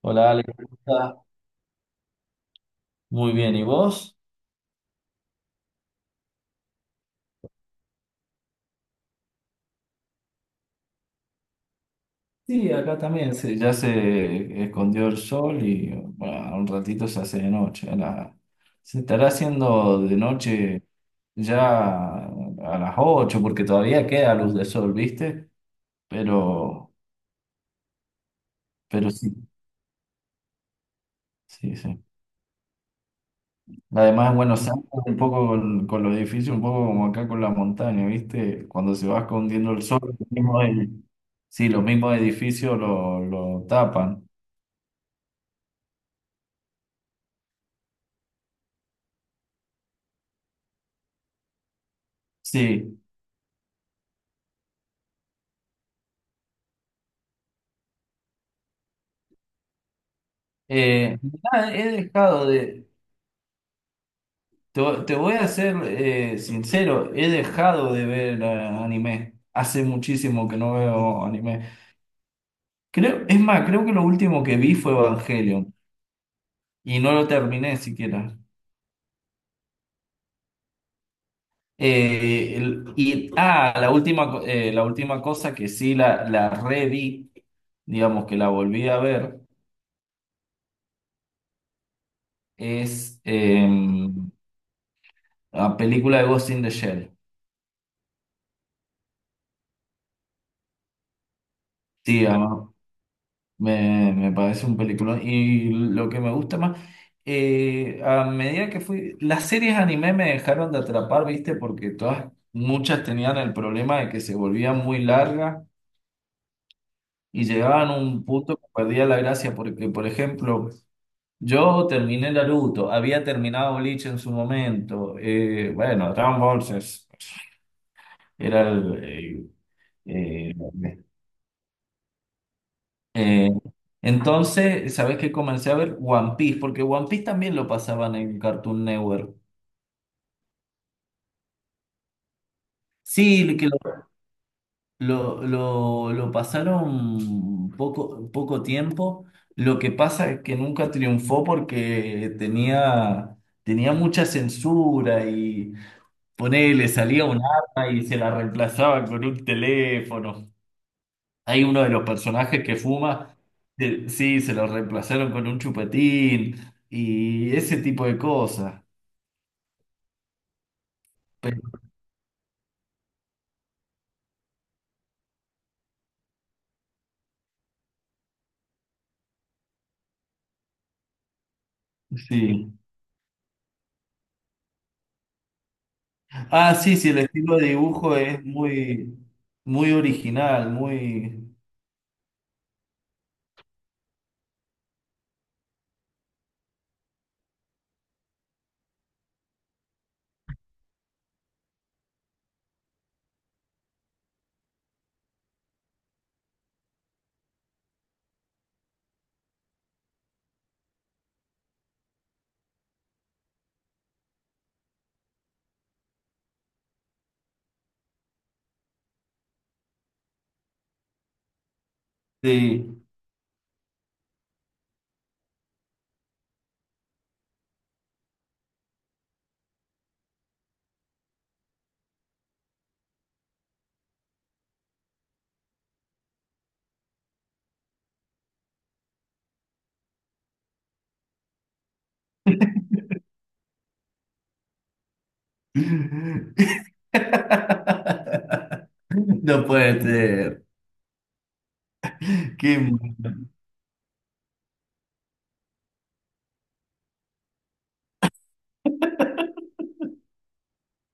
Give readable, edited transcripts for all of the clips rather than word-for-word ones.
Hola, Ale, ¿cómo estás? Muy bien, ¿y vos? Sí, acá también ya se escondió el sol y bueno, un ratito se hace de noche. Se estará haciendo de noche ya a las 8 porque todavía queda luz de sol, ¿viste? Pero, pero sí, sí, sí. Además, bueno, Buenos Aires, un poco con los edificios, un poco como acá con la montaña, ¿viste? Cuando se va escondiendo el sol, sí, los mismos edificios lo tapan. Sí. Eh, Nada, he dejado de. Te, voy a ser sincero, he dejado de ver anime. Hace muchísimo que no veo anime. Creo, es más, creo que lo último que vi fue Evangelion y no lo terminé siquiera. La última, la última cosa que sí la reví, digamos que la volví a ver, es la película de Ghost in the Shell. Sí. Me parece un peliculón. Y lo que me gusta más, a medida que fui, las series anime me dejaron de atrapar, ¿viste? Porque todas, muchas tenían el problema de que se volvían muy largas y llegaban a un punto que perdía la gracia. Porque, por ejemplo, yo terminé Naruto, había terminado Bleach en su momento. Bueno, Dragon Ball era el, eh, eh, Eh, entonces, ¿sabes qué? Comencé a ver One Piece, porque One Piece también lo pasaban en Cartoon Network. Sí, que lo pasaron poco tiempo. Lo que pasa es que nunca triunfó porque tenía mucha censura y ponele, salía un arma y se la reemplazaba con un teléfono. Hay uno de los personajes que fuma, que sí, se lo reemplazaron con un chupetín y ese tipo de cosas. Pero sí. Ah, sí, sí, el estilo de dibujo es muy, muy original, muy. Sí. No puede ser. Qué mal.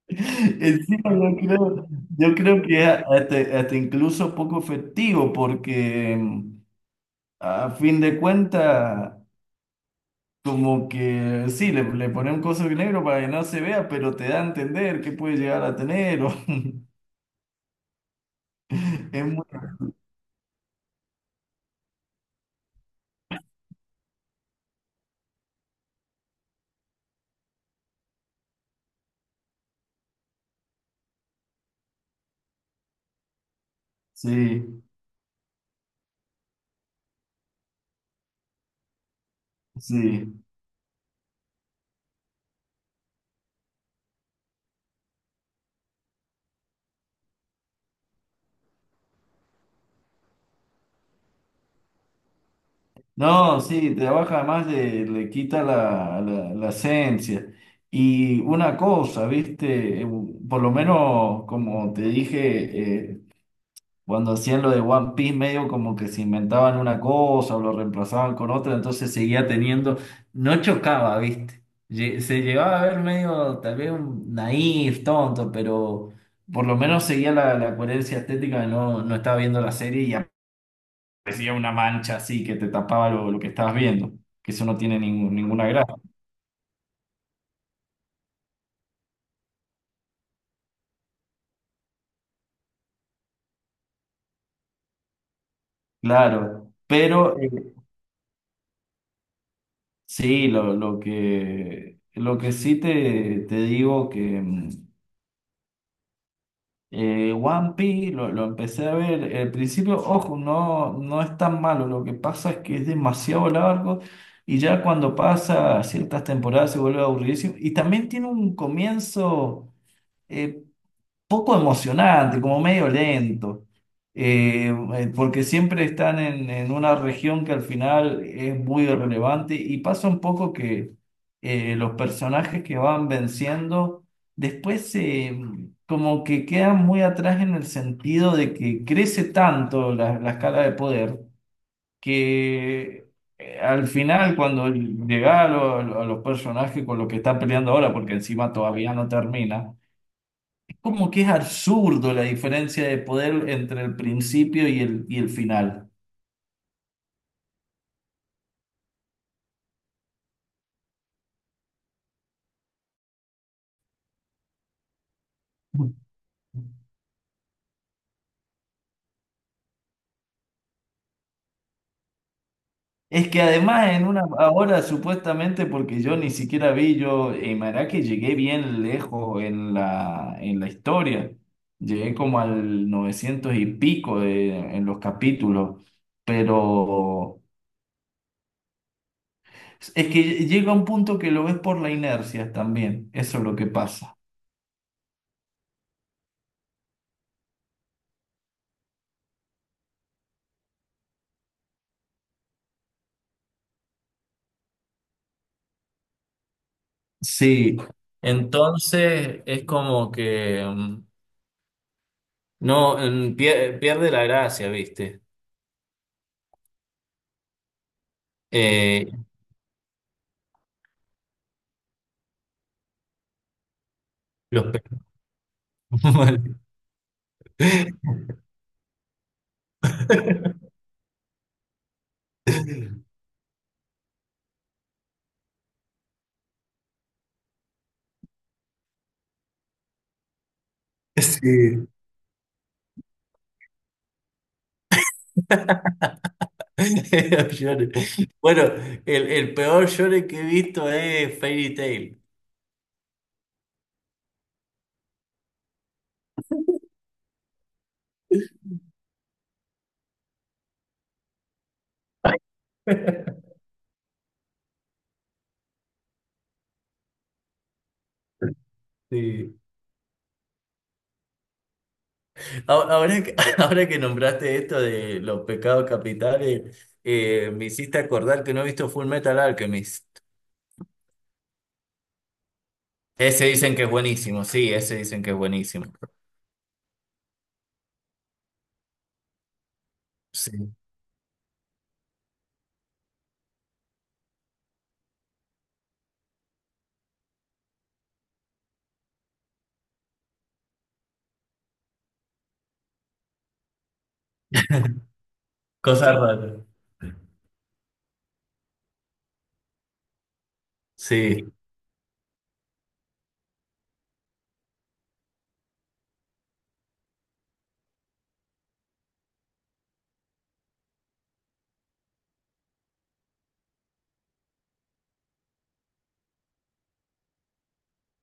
Encima yo creo que hasta incluso poco efectivo porque a fin de cuentas, como que sí, le ponen cosas negro para que no se vea, pero te da a entender qué puede llegar a tener. Es muy- Sí, sí. No, sí, trabaja además, le quita la esencia. Y una cosa, viste. Por lo menos como te dije, cuando hacían lo de One Piece, medio como que se inventaban una cosa o lo reemplazaban con otra, entonces seguía teniendo, no chocaba, ¿viste? Se llevaba a ver medio, tal vez un naif, tonto, pero por lo menos seguía la coherencia estética, no, no estaba viendo la serie y aparecía una mancha así que te tapaba lo que estabas viendo, que eso no tiene ninguna gracia, claro, pero sí, lo que sí te digo que. One Piece lo empecé a ver. Al principio, ojo, no, no es tan malo. Lo que pasa es que es demasiado largo y ya cuando pasa ciertas temporadas se vuelve aburridísimo. Y también tiene un comienzo, eh, poco emocionante, como medio lento. Porque siempre están en una región que al final es muy relevante y pasa un poco que los personajes que van venciendo después como que quedan muy atrás en el sentido de que crece tanto la escala de poder que. Al final, cuando llega a, a los personajes con los que está peleando ahora, porque encima todavía no termina, como que es absurdo la diferencia de poder entre el principio y el final. Es que además en una ahora supuestamente, porque yo ni siquiera vi yo en que llegué bien lejos en la historia. Llegué como al 900 y pico en los capítulos, pero es que llega un punto que lo ves por la inercia también, eso es lo que pasa. Sí, entonces es como que no, pierde la gracia, ¿viste? Eh, los pe- Sí. Los Bueno, el peor shonen que he visto es Fairy Tail. Sí. Ahora que, ahora que nombraste esto de los pecados capitales, me hiciste acordar que no he visto Full Metal Alchemist. Ese dicen que es buenísimo, sí, ese dicen que es buenísimo. Sí. Cosas raras. Sí.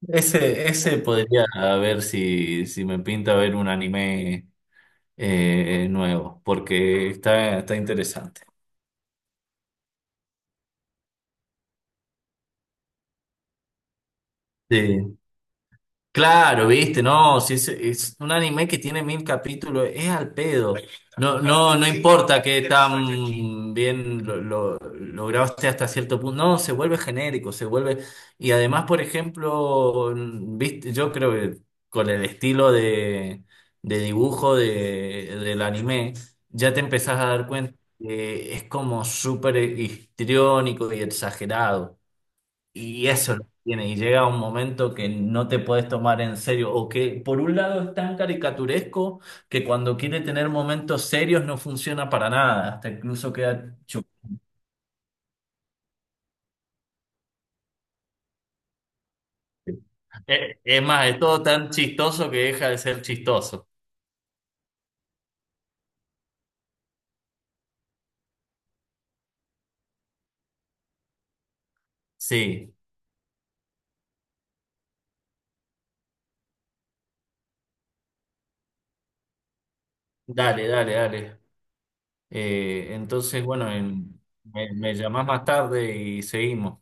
Ese podría a ver si, si me pinta ver un anime nuevo, porque está interesante. Sí. Claro, viste, no, si es un anime que tiene 1.000 capítulos, es al pedo. No, no, no importa que tan bien lo grabaste hasta cierto punto. No, se vuelve genérico, se vuelve. Y además, por ejemplo, viste, yo creo que con el estilo de dibujo de, del anime, ya te empezás a dar cuenta que es como súper histriónico y exagerado. Y eso es lo que tiene, y llega un momento que no te puedes tomar en serio, o que por un lado es tan caricaturesco que cuando quiere tener momentos serios no funciona para nada, hasta incluso queda es más, es todo tan chistoso que deja de ser chistoso. Sí, dale, dale, dale. Entonces, bueno, me llamás más tarde y seguimos.